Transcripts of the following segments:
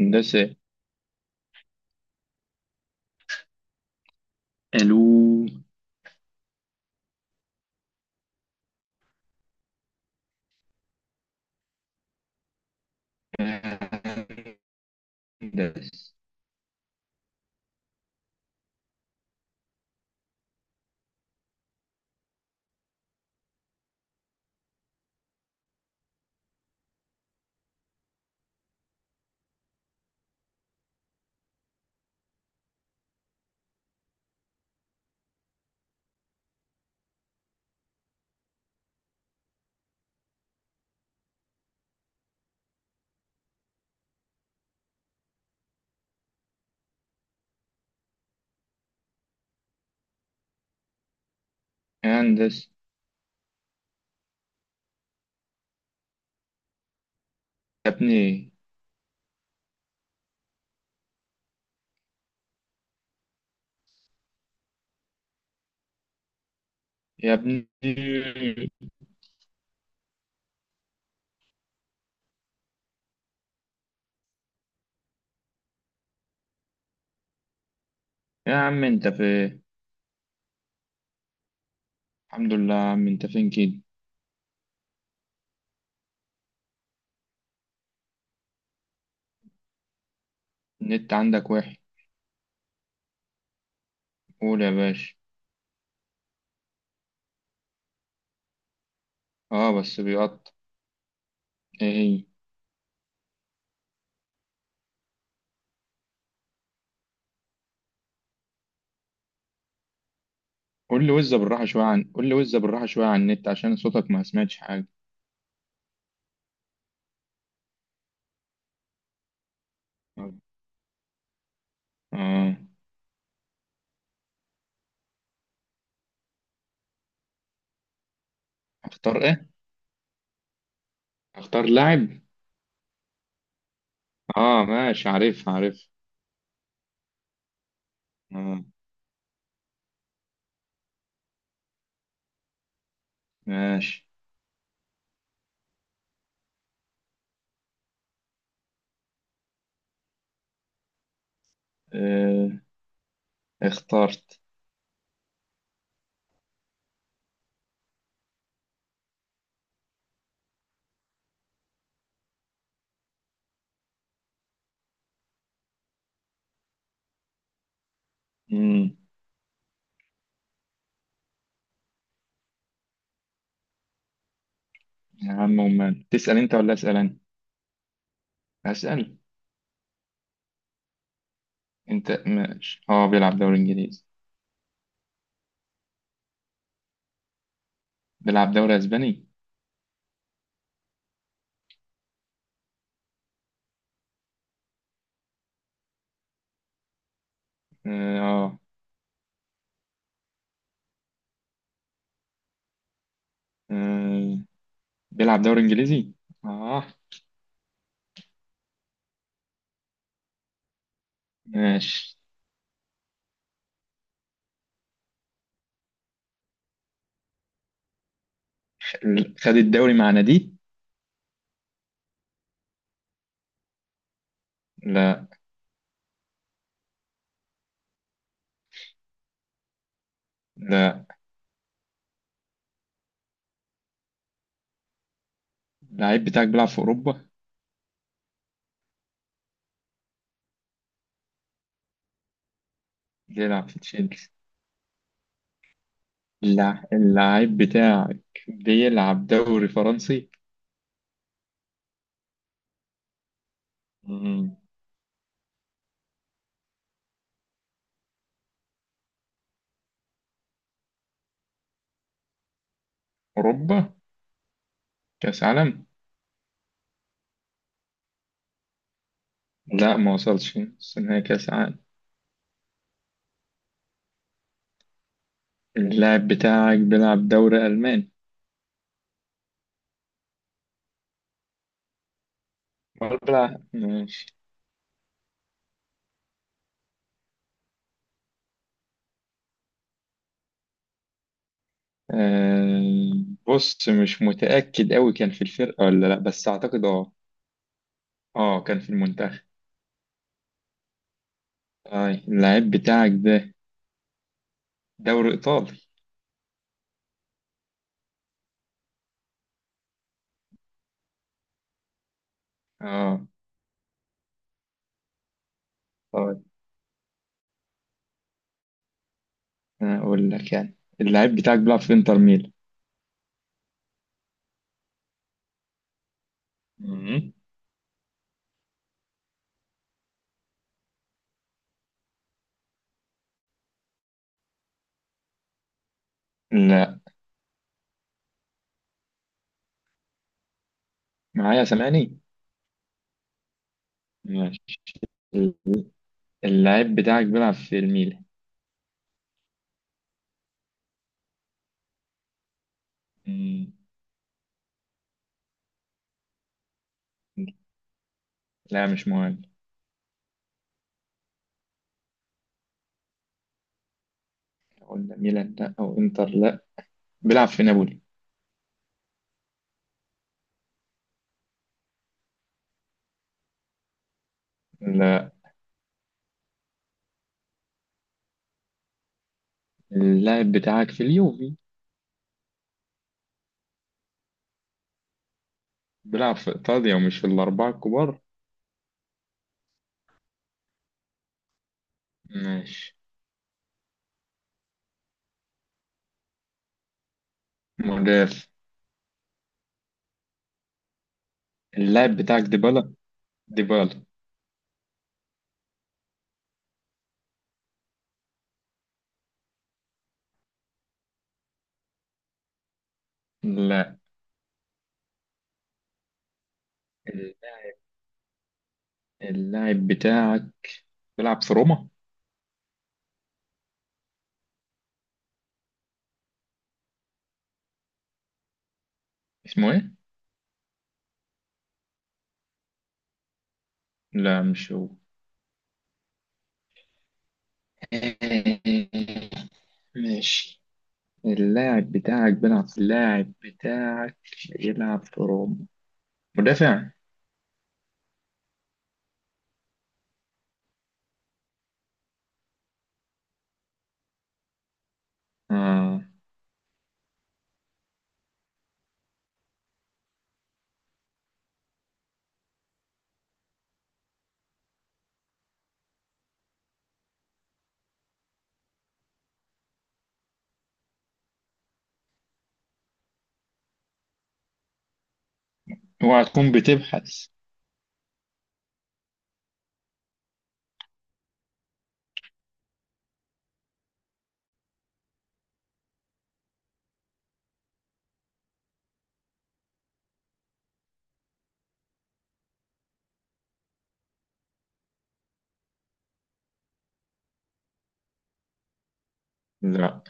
هندسة. علوم. هندس. هندس. يا ابني. يا ابني. يا عم انت في الحمد لله. يا عم، انت فين كده؟ النت عندك وحش؟ قول يا باشا. اه بس بيقطع. ايه هي؟ قول لي وزة بالراحة شوية عن النت عشان صوتك ما سمعتش حاجة. اه. اختار ايه؟ اختار لاعب. اه ماشي، عارف عارف. اه ماشي. اه اخترت. يا عم، أمال تسأل أنت ولا أسأل أنا؟ هسأل. أنت ماشي، أه بيلعب دوري إنجليزي. بيلعب دوري أسباني؟ أه. آه. آه. بيلعب دوري إنجليزي؟ أه ماشي. خد الدوري مع نادي؟ لا. لا، اللعيب بتاعك بيلعب في أوروبا؟ بيلعب في تشيلسي. اللعيب بتاعك بيلعب دوري فرنسي؟ مم. أوروبا؟ كأس عالم؟ لا ما وصلش بس إن هي كأس عالم. اللاعب بتاعك بيلعب دوري ألماني. أربعة، ماشي. آه. بص مش متأكد أوي كان في الفرقة ولا لأ بس أعتقد أه. أه كان في المنتخب. طيب اللاعب بتاعك ده دوري إيطالي. أه. طيب، أنا أقول لك يعني اللاعب بتاعك بيلعب في إنتر ميلان. مم. لأ. معايا؟ سامعني؟ ماشي. اللاعب بتاعك بيلعب في الميلان. مم. لا مش مهم. قلنا ميلان لأ أو إنتر لأ. بيلعب في نابولي. لأ. اللاعب بتاعك في اليوفي. بيلعب في إيطاليا ومش في الأربعة الكبار. ماشي. مدافع. اللاعب بتاعك ديبالا. ديبالا. لا. ال- اللاعب بتاعك بيلعب في روما. اسمه ايه؟ لا مش هو. ماشي. اللاعب بتاعك يلعب في روما. مدافع. آه. اوعى تكون بتبحث. لا.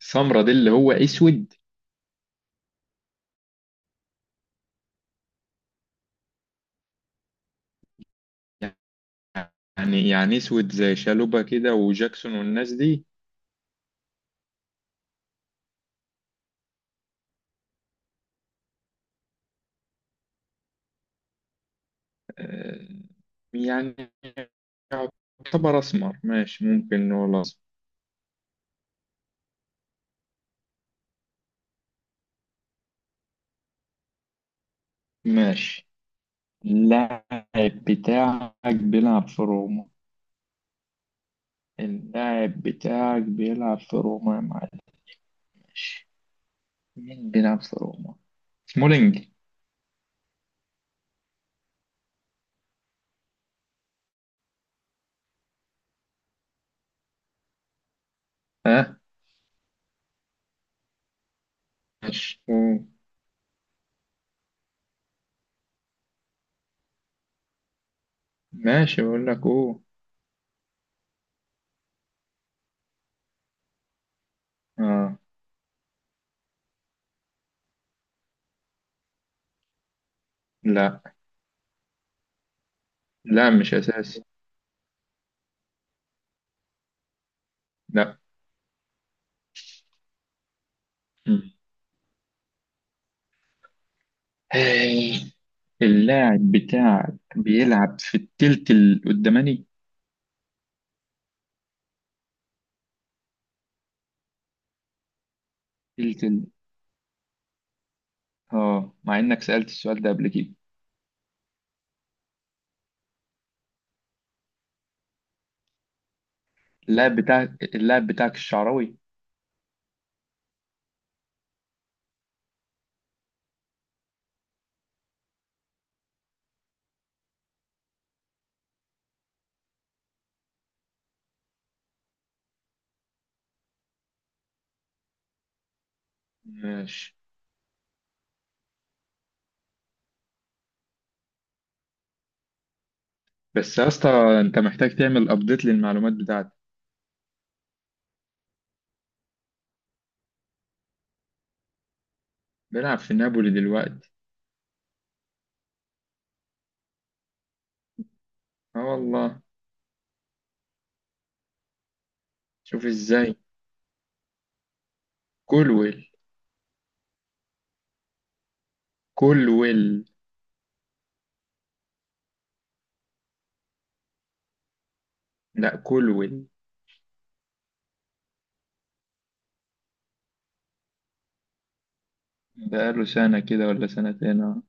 سمرة دي اللي هو اسود. يعني اسود زي شالوبا كده وجاكسون والناس دي. آه، يعني يعتبر اسمر. ماشي، ممكن نقول اسمر. ماشي. اللاعب بتاعك بيلعب في روما. اللاعب بتاعك بيلعب في روما يا معلم. ماشي. مين بيلعب في روما؟ سمولينج. ها؟ ماشي. أوه. ماشي، بقول لك اوه. اه. لا. لا مش اساسي. لا. مم. اللاعب بتاعك بيلعب في التلت القداماني. تلت ال... اه، مع انك سألت السؤال ده قبل كده. اللاعب بتاعك، اللاعب بتاعك الشعراوي. ماشي. بس يا اسطى، انت محتاج تعمل ابديت للمعلومات بتاعتك. بيلعب في نابولي دلوقتي. اه والله. شوف ازاي. كولويل. كولويل. لا، كولويل. بقاله سنة كده ولا سنتين، اه.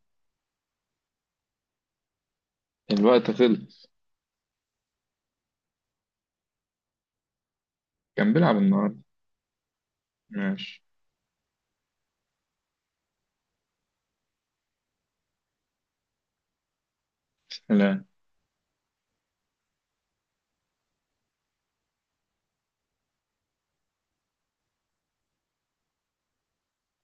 الوقت خلص. كان بيلعب النهارده. ماشي. سلام.